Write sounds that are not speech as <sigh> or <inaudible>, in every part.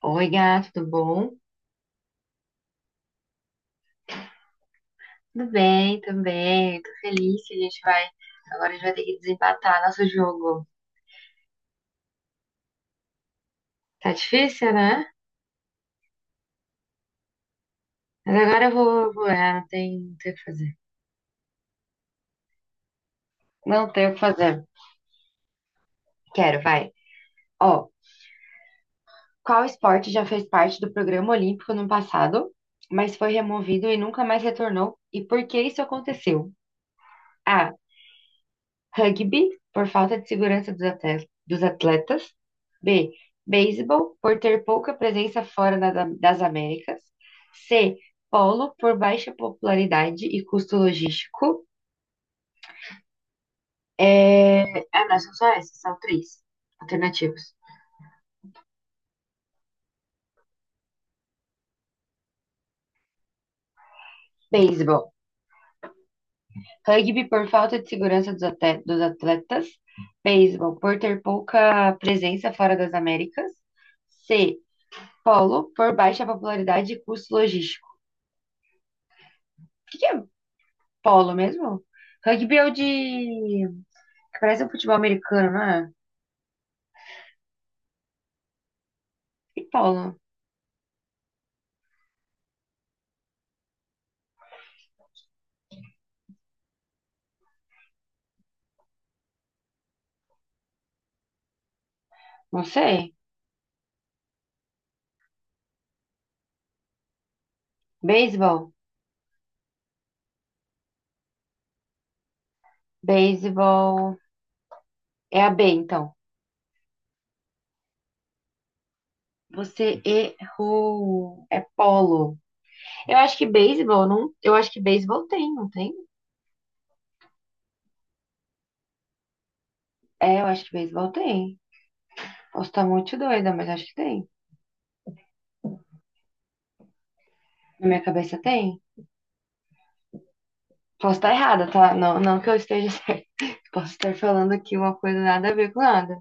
Oi, gato, tudo bom? Tudo bem também. Tô feliz que a gente vai. Agora a gente vai ter que desempatar nosso jogo. Tá difícil, né? Mas agora eu vou. Não tem o que fazer. Não tem o que fazer. Quero, vai. Ó, qual esporte já fez parte do programa olímpico no passado, mas foi removido e nunca mais retornou? E por que isso aconteceu? A. Rugby, por falta de segurança dos atletas. B. Beisebol, por ter pouca presença fora das Américas. C. Polo, por baixa popularidade e custo logístico. É... Ah, não, são só essas, são três alternativas. Beisebol. Rugby por falta de segurança dos atletas. Beisebol por ter pouca presença fora das Américas. C. Polo por baixa popularidade e custo logístico. O que que é Polo mesmo? Rugby é o de que parece um futebol americano, não é? E polo? Não sei. Beisebol? Beisebol. É a B, então. Você errou. É polo. Eu acho que beisebol não. Eu acho que beisebol tem, não tem? É, eu acho que beisebol tem. Posso estar muito doida, mas acho que tem. Na minha cabeça tem. Posso estar errada, tá? Não, não que eu esteja <laughs> certa. Posso estar falando aqui uma coisa nada a ver com nada.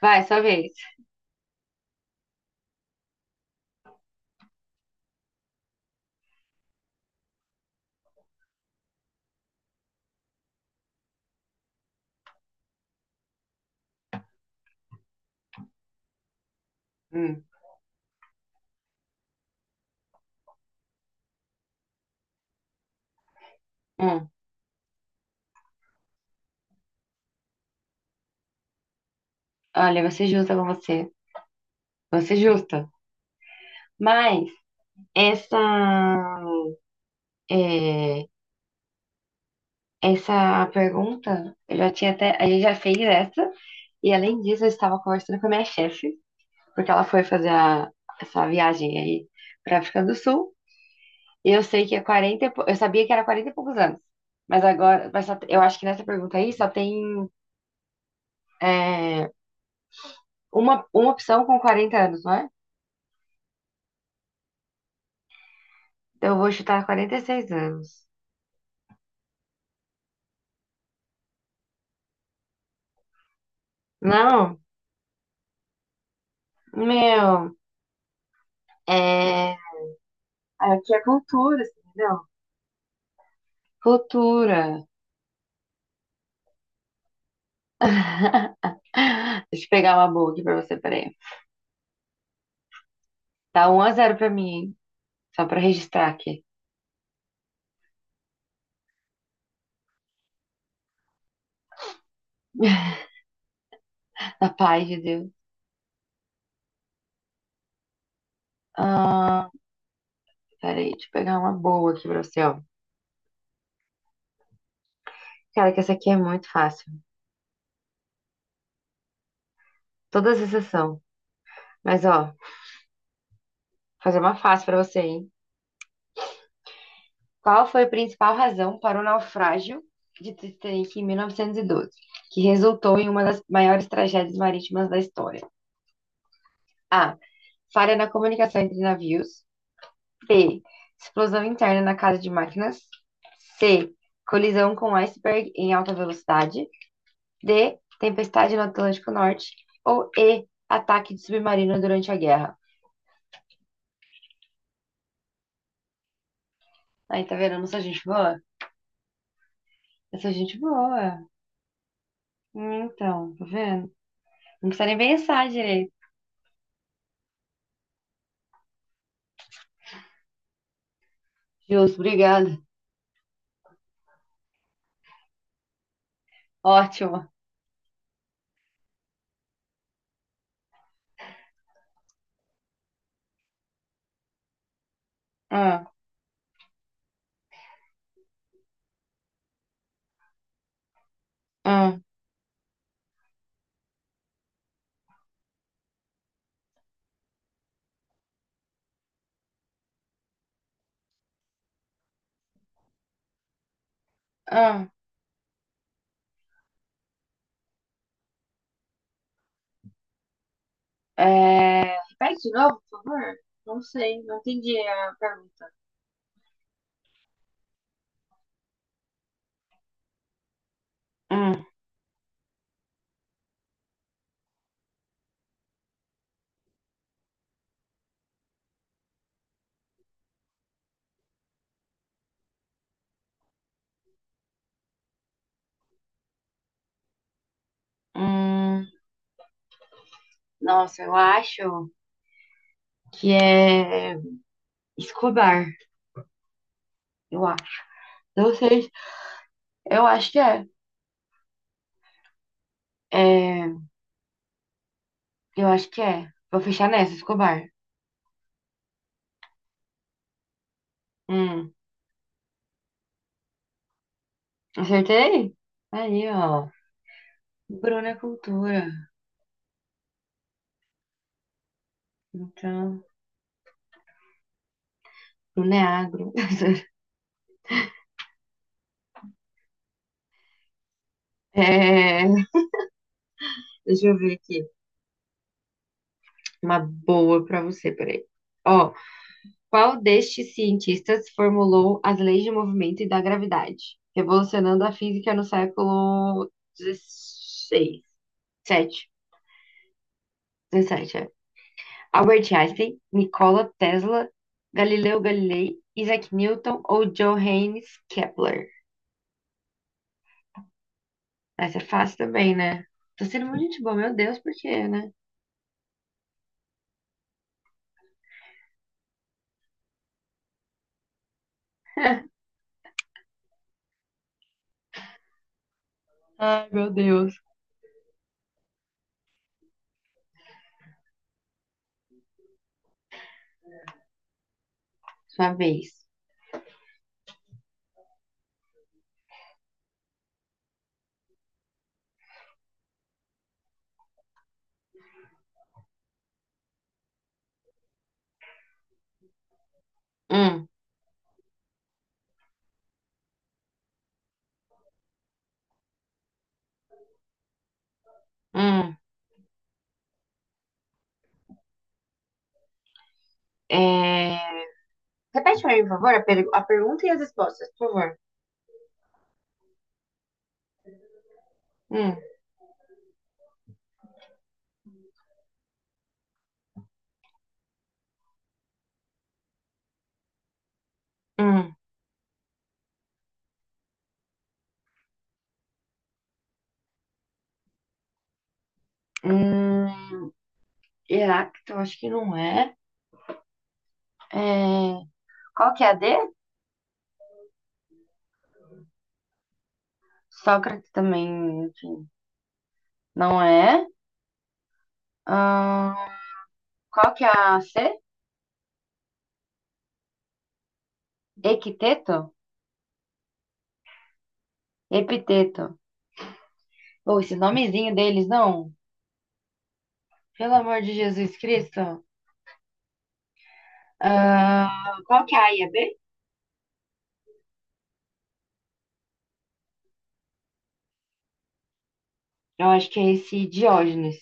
Vai, sua vez. Hum, hum. Olha, eu vou ser justa com você. Vou ser justa. Mas essa, é, essa pergunta, eu já tinha até. A gente já fez essa, e além disso, eu estava conversando com a minha chefe, porque ela foi fazer essa viagem aí para África do Sul. E eu sei que é Eu sabia que era 40 e poucos anos. Mas agora, eu acho que nessa pergunta aí só tem é, uma opção com 40 anos, não é? Então eu vou chutar 46 anos. Não, meu, é, aqui é cultura, assim, entendeu? Futura. Deixa eu pegar uma boa aqui pra você, peraí. Tá 1 a 0 pra mim, hein? Só pra registrar aqui. Na paz de Deus. Ah, peraí, deixa eu pegar uma boa aqui pra você, ó. Cara, que essa aqui é muito fácil. Todas exceção. Mas, ó, vou fazer uma fácil pra você, hein? Qual foi a principal razão para o naufrágio de Titanic em 1912, que resultou em uma das maiores tragédias marítimas da história? A. Falha na comunicação entre navios. B. Explosão interna na casa de máquinas. C. Colisão com iceberg em alta velocidade. D. Tempestade no Atlântico Norte. Ou E. Ataque de submarino durante a guerra. Aí, tá vendo? Eu não sou gente boa? Eu sou gente boa. Então, tá vendo? Não precisa nem pensar direito. Justo, obrigada. Ótimo. Ah, ah, ah. Repete de novo, por favor. Não sei, não entendi a pergunta. Hum, hum. Nossa, eu acho que é Escobar, eu acho. Não sei. Eu acho que é. É, eu acho que é. Vou fechar nessa, Escobar. Hum, Acertei? Aí, ó. Bruno é cultura. Então, Bruno é agro. <laughs> É, deixa eu ver aqui. Uma boa pra você, peraí. Ó, qual destes cientistas formulou as leis de movimento e da gravidade, revolucionando a física no século XVI? Sete, 17, Albert Einstein, Nikola Tesla, Galileu Galilei, Isaac Newton ou Johannes Kepler? Essa é fácil também, né? Tô sendo muito gente boa, meu Deus, por quê, né? Ai, meu Deus. Sua vez. Hum, hum. É... Repete pra mim, por favor, a pergunta e as respostas, por favor. Hum, hum, hum. Heráclito, eu acho que não é. É, qual que é a D? Sócrates também, enfim, não é. Ahn, Qual que é a C? Equiteto? Epiteto. Ou esse nomezinho deles, não? Pelo amor de Jesus Cristo. Ah, qual que é a IAB? Eu acho que é esse Diógenes.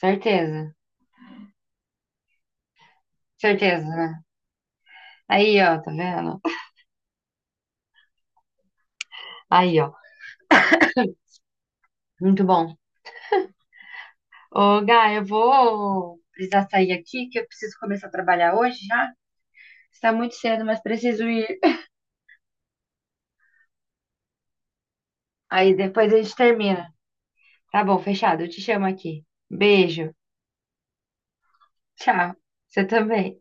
Certeza. Certeza, né? Aí, ó, tá vendo? Aí, ó. Muito bom. Ô, Gá, eu vou precisar sair aqui, que eu preciso começar a trabalhar hoje já. Está muito cedo, mas preciso ir. Aí depois a gente termina. Tá bom, fechado. Eu te chamo aqui. Beijo. Tchau. Você também.